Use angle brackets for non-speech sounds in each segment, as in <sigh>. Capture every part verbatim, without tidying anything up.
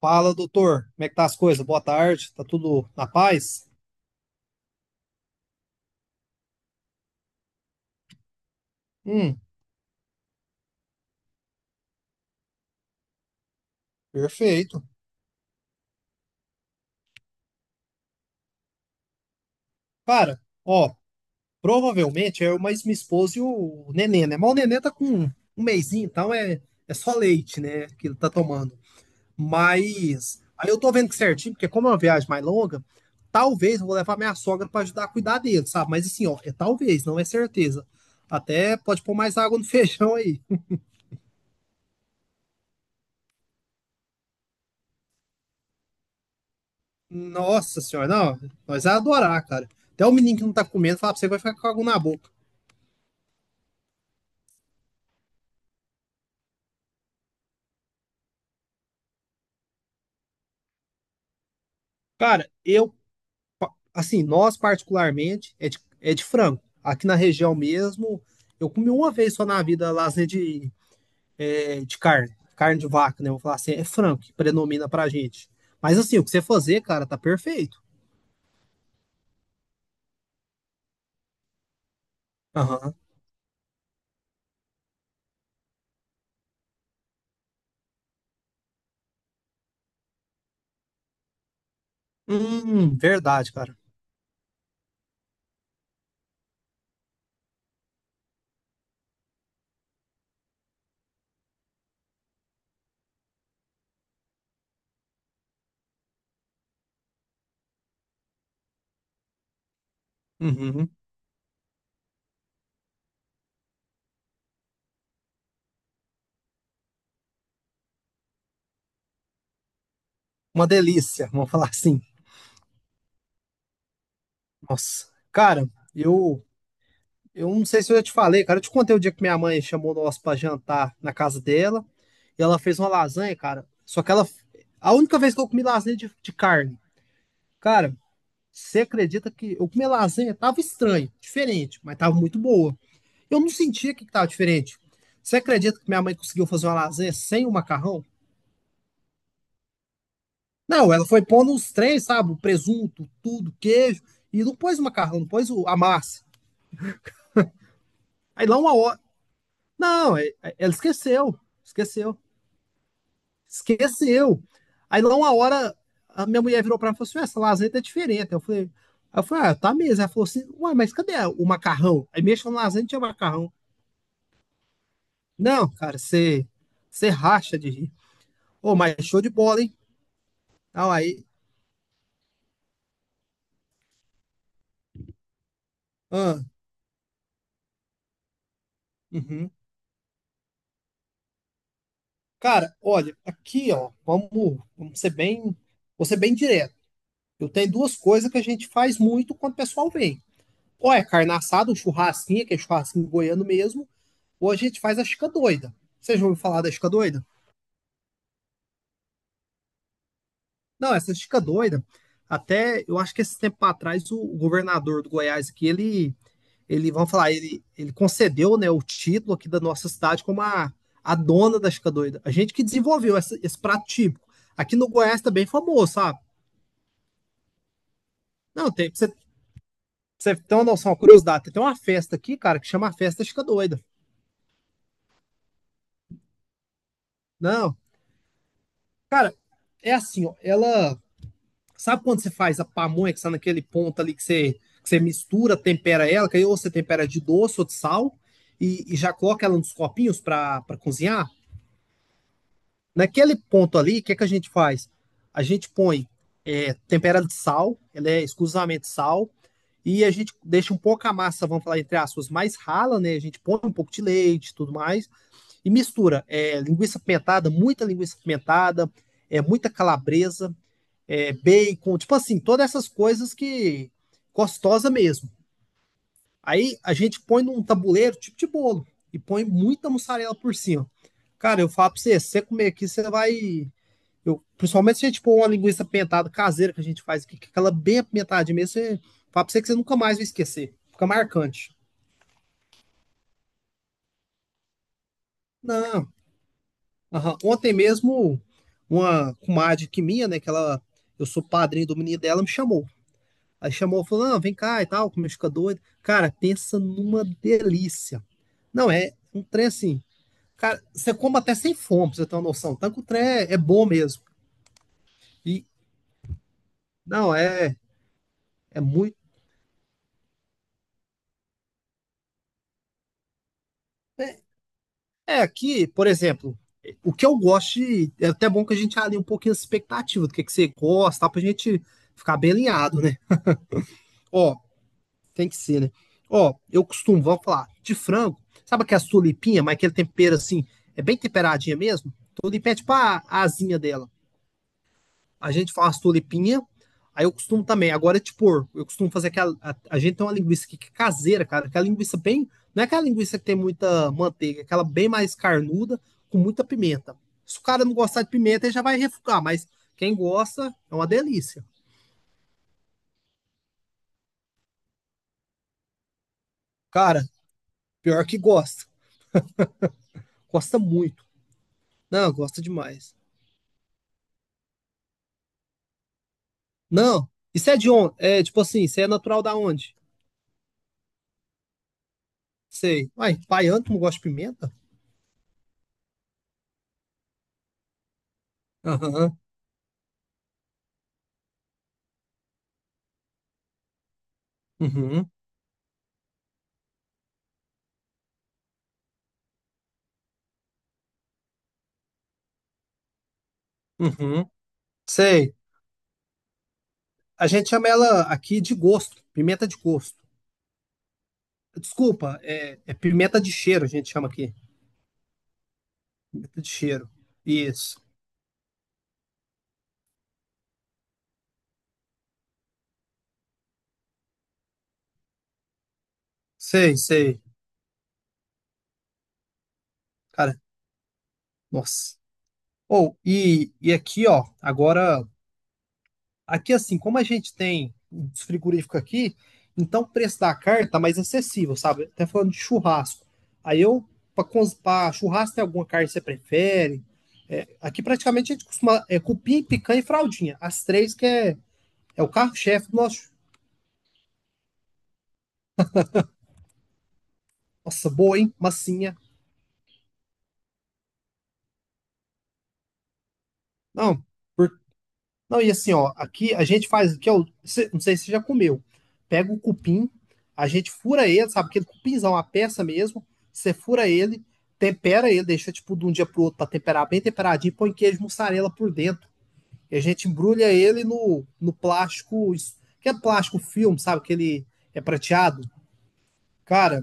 Fala, doutor. Como é que tá as coisas? Boa tarde. Tá tudo na paz? Hum, Perfeito. Cara, ó, provavelmente é eu mais minha esposa e o nenê, né? Mas o nenê tá com um mesinho, então é, é só leite, né? Que ele tá tomando. Mas aí eu tô vendo que certinho, porque como é uma viagem mais longa, talvez eu vou levar minha sogra pra ajudar a cuidar dele, sabe? Mas assim, ó, é talvez, não é certeza. Até pode pôr mais água no <laughs> feijão aí. Nossa senhora, não, nós vai adorar, cara. Até o menino que não tá comendo, fala pra você, que vai ficar com algo na boca. Cara, eu, assim, nós particularmente, é de, é de frango. Aqui na região mesmo, eu comi uma vez só na vida lasanha de, é, de carne, carne de vaca, né? Vou falar assim, é frango que predomina pra gente. Mas assim, o que você fazer, cara, tá perfeito. Aham. Hum, verdade, cara. Uhum. Uma delícia, vamos falar assim. Nossa. Cara, eu Eu não sei se eu já te falei, cara. Eu te contei o dia que minha mãe chamou nós pra jantar na casa dela. E ela fez uma lasanha, cara. Só que ela. A única vez que eu comi lasanha de, de carne. Cara, você acredita que eu comi lasanha? Tava estranho, diferente, mas tava muito boa. Eu não sentia que tava diferente. Você acredita que minha mãe conseguiu fazer uma lasanha sem o macarrão? Não, ela foi pondo os três, sabe? O presunto, tudo, queijo. E não pôs o macarrão, não pôs o- a massa. Aí lá uma hora. Não, é- é- ela esqueceu. Esqueceu. Esqueceu. Aí lá uma hora a minha mulher virou para mim e falou assim: essa lasanha tá diferente. Eu falei, aí eu falei, ah, tá mesmo. Ela falou assim, ué, mas cadê o macarrão? Aí mexeu na lasanha e tinha macarrão. Não, cara, você você racha de rir. Ô, mas show de bola, hein? Ah, aí. Ah, uhum. Cara, olha, aqui, ó, vamos, vamos ser bem, vou ser bem direto. Eu tenho duas coisas que a gente faz muito quando o pessoal vem. Ou é carne assada, um churrasquinho, que é churrasquinho goiano mesmo. Hoje a gente faz a Chica Doida. Vocês já ouviram falar da Chica Doida? Não, essa Chica Doida, até eu acho que esse tempo atrás o governador do Goiás aqui, ele, ele vamos falar, ele, ele concedeu, né, o título aqui da nossa cidade como a, a dona da Chica Doida. A gente que desenvolveu essa, esse prato típico. Aqui no Goiás também tá é famoso, sabe? Não, tem, pra você, pra você tem uma noção, uma curiosidade, tem uma festa aqui, cara, que chama a Festa Chica Doida. Não, cara, é assim, ó, ela sabe quando você faz a pamonha que está naquele ponto ali que você, que você mistura, tempera ela, que aí ou você tempera de doce ou de sal, e, e já coloca ela nos copinhos para cozinhar? Naquele ponto ali, o que, é que a gente faz? A gente põe é, tempera ela de sal, ela é exclusivamente sal, e a gente deixa um pouco a massa, vamos falar entre aspas, mais rala, né? A gente põe um pouco de leite e tudo mais, e mistura é, linguiça pimentada, muita linguiça pimentada, é, muita calabresa, é, bacon, tipo assim, todas essas coisas que gostosa mesmo. Aí a gente põe num tabuleiro tipo de bolo e põe muita mussarela por cima. Cara, eu falo pra você, se você comer aqui, você vai. Eu, principalmente se a gente pôr uma linguiça pentada caseira que a gente faz aqui, que é aquela bem apimentada mesmo, você fala pra você que você nunca mais vai esquecer. Fica marcante. Não. Aham. Ontem mesmo, uma comadre que minha, né? Que ela, eu sou padrinho do menino dela, me chamou. Aí chamou, falou, não, vem cá e tal, como eu fica doido. Cara, pensa numa delícia. Não, é um trem assim. Cara, você come até sem fome, pra você ter uma noção. Tanto que o trem é, é bom mesmo. E, não, é, é muito. É, é aqui, por exemplo, o que eu gosto, de- é até bom que a gente alinhe um pouquinho a expectativa do que, que você gosta, tal, pra gente ficar bem alinhado, né? Ó, tem que ser, né? Ó, eu costumo, vamos falar, de frango, sabe aquelas tulipinha, mas aquele tempero assim, é bem temperadinha mesmo? Tulipinha é tipo a, a asinha dela. A gente faz tulipinha, aí eu costumo também, agora é tipo, eu costumo fazer aquela, a, a gente tem uma linguiça aqui que é caseira, cara, aquela linguiça bem, não é aquela linguiça que tem muita manteiga, é aquela bem mais carnuda, com muita pimenta. Se o cara não gostar de pimenta, ele já vai refugar, mas quem gosta, é uma delícia. Cara, pior que gosta. Gosta muito. Não, gosta demais. Não, isso é de onde? É tipo assim, você é natural da onde? Sei. Uai, baiano, tu não gosta de pimenta? Aham, uhum, uhum. Sei. A gente chama ela aqui de gosto, pimenta de gosto. Desculpa, é, é pimenta de cheiro, a gente chama aqui. Pimenta de cheiro. Isso. Sei, sei. Cara, nossa. Ou, e, e aqui, ó, agora. Aqui, assim, como a gente tem os frigoríficos aqui, então o preço da carne tá mais acessível, sabe? Até falando de churrasco. Aí eu, Para churrasco, tem alguma carne que você prefere? É, aqui praticamente a gente costuma é, cupim, picanha e fraldinha. As três que é, é o carro-chefe do nosso. Nossa, boa, hein? Massinha. Não, por não, e assim, ó, aqui a gente faz, o que é o, cê- não sei se você já comeu. Pega o cupim, a gente fura ele, sabe? Aquele cupinzão, a peça mesmo. Você fura ele, tempera ele, deixa tipo de um dia pro outro pra temperar bem temperadinho, põe queijo mussarela por dentro. E a gente embrulha ele no, no plástico, isso- que é plástico filme, sabe? Que ele é prateado. Cara,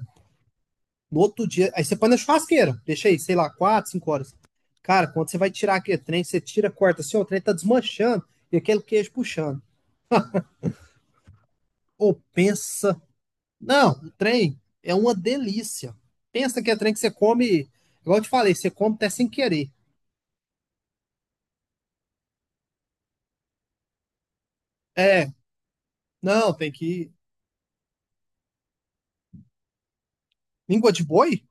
no outro dia, aí você põe na churrasqueira, deixa aí, sei lá, quatro, cinco horas. Cara, quando você vai tirar aquele trem, você tira, corta assim, ó, o trem tá desmanchando e aquele queijo puxando. Ou pensa. Não, trem é uma delícia. Pensa que é trem que você come, igual eu te falei, você come até sem querer. É, não, tem que. Língua de boi?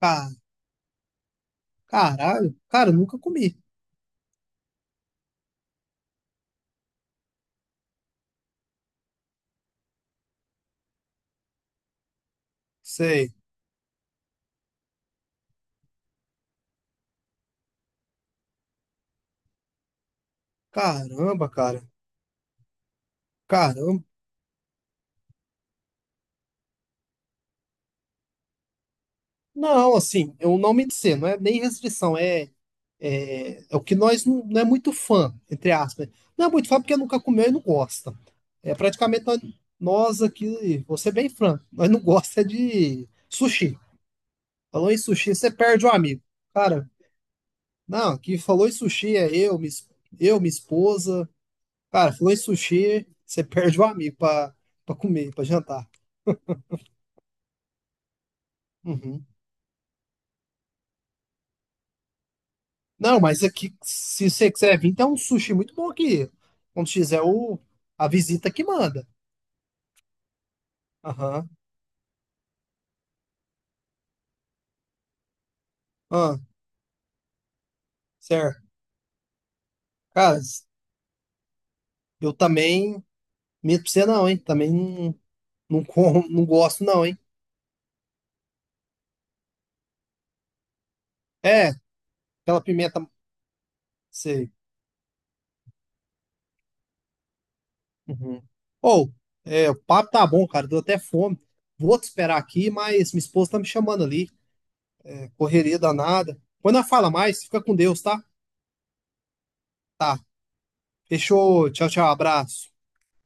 Ah, caralho, cara, eu nunca comi. Sei. Caramba, cara. Caramba. Não, assim, eu não me dizer, não é nem restrição, é, é, é o que nós não, não é muito fã, entre aspas. Não é muito fã porque nunca comeu e não gosta. É praticamente nós, nós aqui, vou ser bem franco, nós não gosta de sushi. Falou em sushi, você perde um amigo. Cara, não, que falou em sushi é eu, minha, es- eu, minha esposa. Cara, falou em sushi, você perde um amigo pra, pra comer, pra jantar. Uhum. Não, mas aqui, se você quiser vir, tem um sushi muito bom aqui. Quando fizer o, a visita que manda. Aham. Ah, certo. Cara, eu também. Medo pra você não, hein? Também não, não, como, não gosto, não, hein? É, aquela pimenta. Sei. Uhum. Ou, é, o papo tá bom, cara. Deu até fome. Vou te esperar aqui, mas minha esposa tá me chamando ali. É correria danada. Quando ela fala mais, fica com Deus, tá? Tá. Fechou. Tchau, tchau. Abraço.